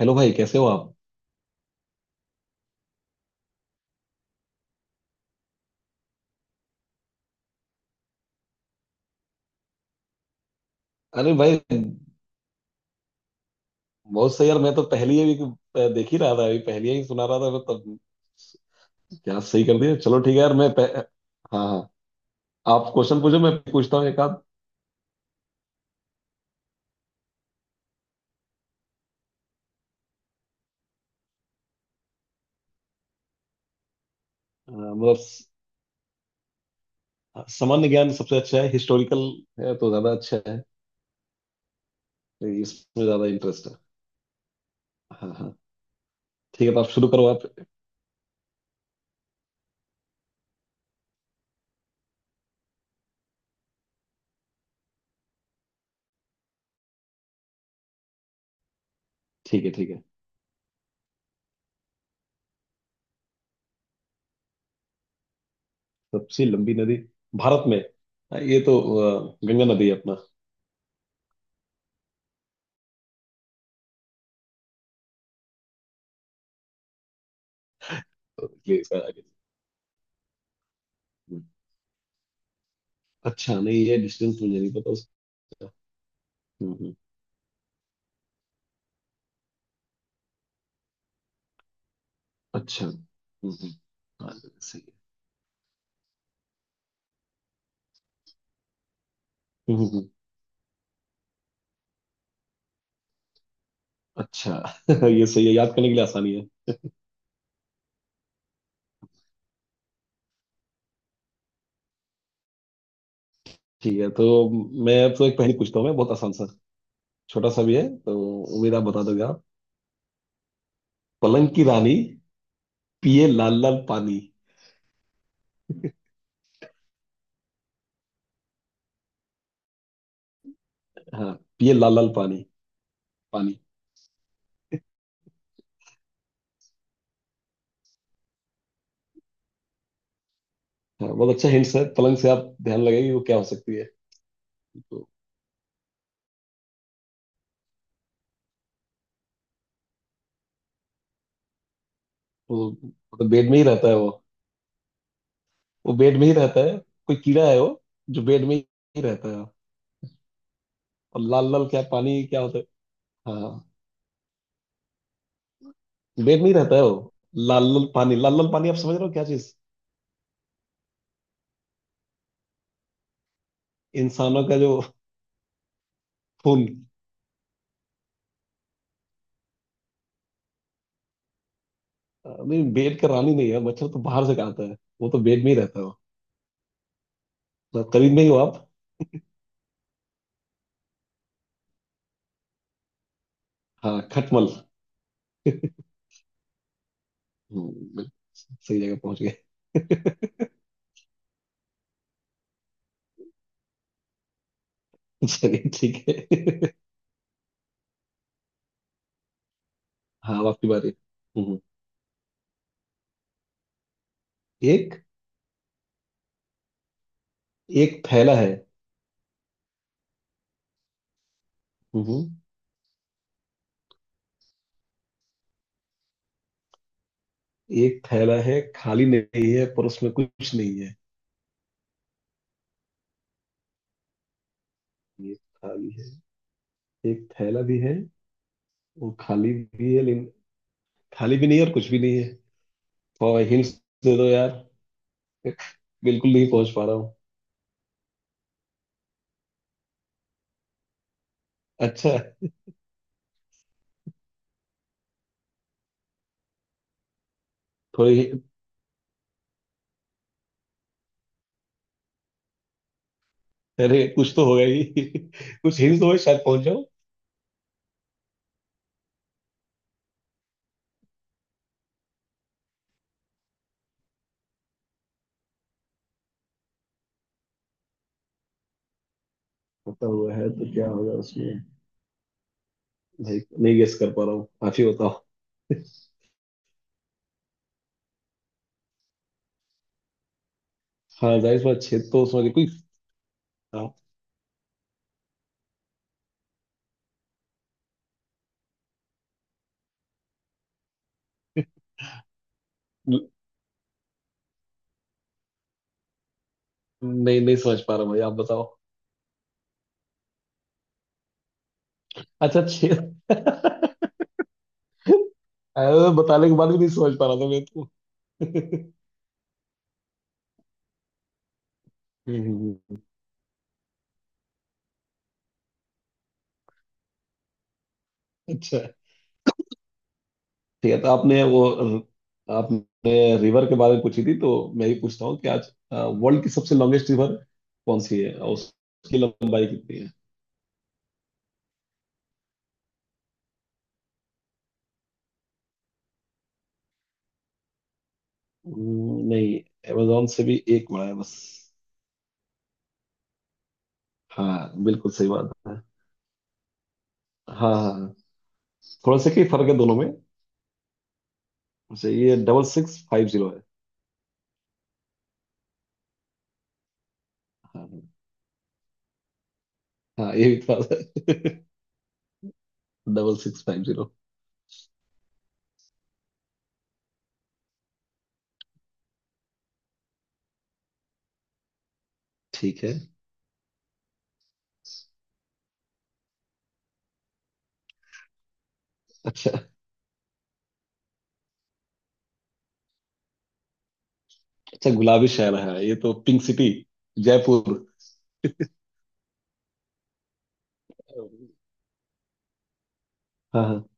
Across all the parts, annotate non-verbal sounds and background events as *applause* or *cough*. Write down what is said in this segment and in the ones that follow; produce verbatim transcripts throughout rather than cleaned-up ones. Hello भाई, कैसे हो आप? अरे भाई, बहुत सही यार। मैं तो पहली ही अभी देख ही रहा था, अभी पहली ही सुना रहा था मैं तब। क्या सही कर दिया। चलो ठीक है यार। मैं पह... हाँ हाँ, आप क्वेश्चन पूछो, मैं पूछता हूँ एक आध। अ, मतलब स- सामान्य ज्ञान सबसे अच्छा है। हिस्टोरिकल है तो ज्यादा अच्छा है। तो इसमें ज्यादा इंटरेस्ट है। हाँ हाँ, ठीक है। तो आप शुरू करो आप। ठीक है ठीक है। सबसे लंबी नदी भारत में। हाँ, ये तो अ, गंगा नदी है अपना। तो इसलिए इसका आगे। हम्म। अच्छा, नहीं ये डिस्टेंस मुझे नहीं पता उसका। हम्म, हम्म। अच्छा, हम्म हम्म, हाँ, सही है। हम्म, हम्म, हम्म, अच्छा। *laughs* ये सही है, याद करने के लिए आसानी है। ठीक है, तो मैं अब तो एक पहेली पूछता हूँ मैं, बहुत आसान सा छोटा सा भी है, तो उम्मीद आप बता दोगे आप। पलंग की रानी, पिए लाल लाल पानी। हाँ, पिए लाल लाल पानी। पानी। हाँ, बहुत अच्छा हिंट्स है। पलंग से आप ध्यान लगाइए, वो क्या हो सकती है। तो वो मतलब बेड में ही रहता है वो। वो बेड में ही रहता है, कोई कीड़ा है वो, जो बेड में ही रहता है। और लाल लाल क्या पानी क्या होता है? हाँ, वेट नहीं रहता है वो। लाल लाल पानी, लाल लाल पानी, आप समझ रहे हो क्या चीज। इंसानों का जो खून। अ, नहीं बेड का रानी नहीं है, मच्छर तो बाहर से खाता है। वो तो बेड में ही रहता है वो। तो करीब में ही हो आप। हाँ, खटमल। हम्म, बिल्कुल। सही जगह पहुंच गए। *laughs* चलिए ठीक है। *laughs* हाँ, अब आपकी बारी। हम्म, एक। एक थैला है। हम्म, एक थैला है, खाली नहीं है, पर उसमें कुछ नहीं है। ये खाली है, एक थैला भी है, वो खाली भी है, लेकिन खाली भी नहीं है और कुछ भी नहीं है। और हिंट्स दे दो यार, बिल्कुल नहीं पहुंच पा रहा हूँ। अच्छा। थोड़ी, अरे कुछ तो होगा ही। *laughs* कुछ हिंट दो, शायद पहुंच जाऊं। पता हुआ है तो क्या होगा उसमें? नहीं नहीं गेस कर पा रहा हूँ, आप ही बताओ। हाँ जाहिर सी बात, छेद तो समझ कोई। आप- नहीं नहीं समझ पा रहा भाई, आप बताओ। अच्छा, छेद। *laughs* अरे, बताने के बाद भी नहीं समझ पा रहा था मैं तो। *laughs* हम्म, हम्म, हम्म। अच्छा ठीक है। तो आपने वो, आपने रिवर के बारे में पूछी थी, तो मैं भी पूछता हूँ कि आज वर्ल्ड की सबसे लॉन्गेस्ट रिवर कौन सी है और उसकी लंबाई कितनी है? हम्म, नहीं। अमेजोन से भी एक बड़ा है बस। हाँ बिल्कुल सही बात है। हाँ हाँ हाँ। थोड़ा सा ही फर्क है दोनों में। वैसे ये डबल सिक्स फाइव जीरो है। हाँ हाँ। हाँ, ये भी पास है। *laughs* Double six five zero. *laughs* ठीक है। अच्छा, अच्छा गुलाबी शहर, है ये तो पिंक सिटी, जयपुर। हाँ हाँ।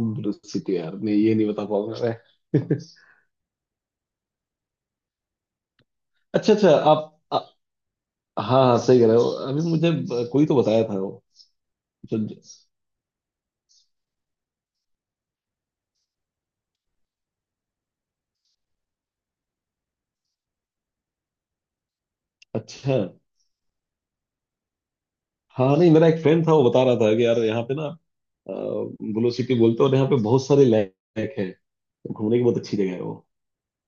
ब्लू सिटी यार नहीं, ये नहीं बता पाऊंगा मैं। *laughs* अच्छा अच्छा, आप आ, हाँ हाँ सही कह रहे हो, अभी मुझे ब- कोई तो बताया था वो। अच्छा। अच्छा, हाँ, नहीं मेरा एक फ्रेंड था, वो बता रहा था कि यार यहाँ पे ना ब्लू सिटी बोलते हैं, और यहाँ पे बहुत सारे लैक है, घूमने की बहुत अच्छी जगह है वो।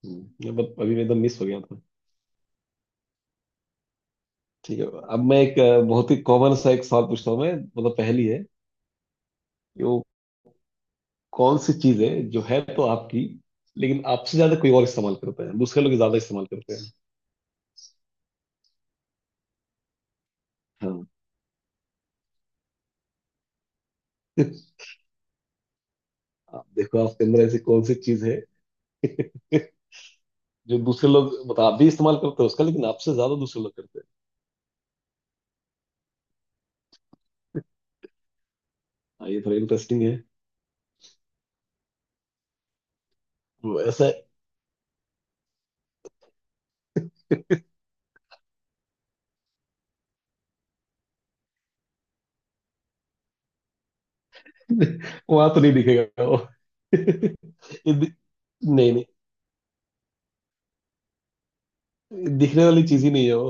हम्म, बट अभी मैं एकदम मिस हो गया था। ठीक है। अब मैं एक अ, बहुत ही कॉमन सा एक सवाल पूछता हूँ मैं, मतलब पहली है कि वो कौन सी चीज है जो है तो आपकी, लेकिन आपसे ज्यादा कोई और इस्तेमाल करता है, दूसरे लोग ज्यादा इस्तेमाल करते हैं। हाँ, आप देखो आपके अंदर ऐसी कौन सी चीज है। *laughs* जो दूसरे लोग मतलब आप भी इस्तेमाल करते हो उसका, लेकिन आपसे ज्यादा दूसरे लोग करते हैं। हाँ, ये थोड़ा इंटरेस्टिंग है। वो ऐसा। *laughs* वहां तो नहीं दिखेगा वो। *laughs* ये दि- नहीं नहीं, ये दिखने वाली चीज ही नहीं है वो।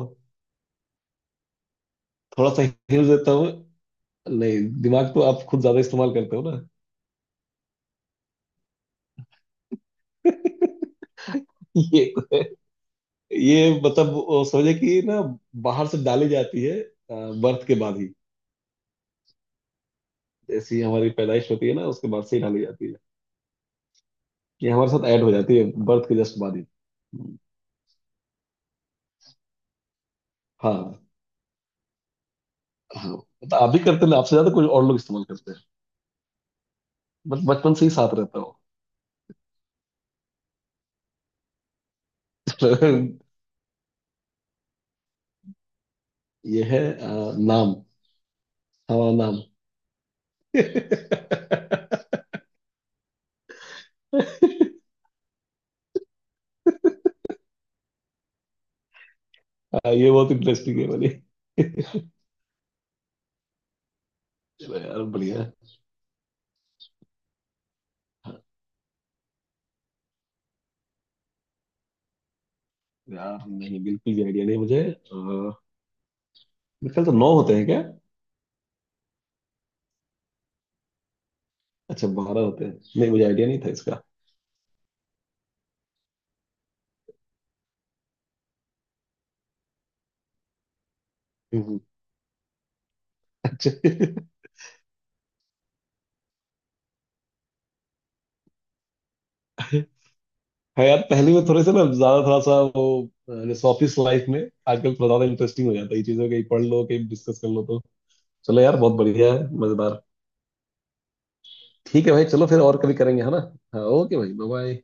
थोड़ा सा हिल देता हूँ। नहीं, दिमाग तो आप खुद ज्यादा इस्तेमाल करते हो ना। *laughs* ये तो है। ये मतलब वो समझे कि ना, बाहर से डाली जाती है बर्थ के बाद ही। जैसी हमारी पैदाइश होती है ना, उसके बाद से ही डाली जाती है। ये हमारे साथ ऐड हो जाती है बर्थ के जस्ट बाद ही। हाँ। हाँ मतलब आप भी करते ना, आपसे ज्यादा कोई और लोग इस्तेमाल करते हैं। बट बचपन से ही साथ रहता हो। *laughs* ये है अ, नाम, हमारा नाम। *laughs* हाँ, ये बहुत इंटरेस्टिंग है वाली। चलो यार बढ़िया। यार नहीं, बिल्कुल भी आइडिया नहीं मुझे। अ, मेरे ख्याल से नौ होते हैं क्या? अच्छा, बारह होते हैं। नहीं, मुझे आइडिया नहीं था इसका। हम्म, *laughs* अच्छा। हाँ यार, पहले में थोड़े से ना ज्यादा थोड़ा सा वो, अ, जैसे ऑफिस लाइफ में आजकल थोड़ा ज्यादा इंटरेस्टिंग हो जाता है, ये चीजें कहीं पढ़ लो कहीं डिस्कस कर लो तो। चलो यार, बहुत बढ़िया है, मजेदार। ठीक है भाई, चलो फिर और कभी करेंगे, है ना। हाँ, ओके भाई, बाय बाय।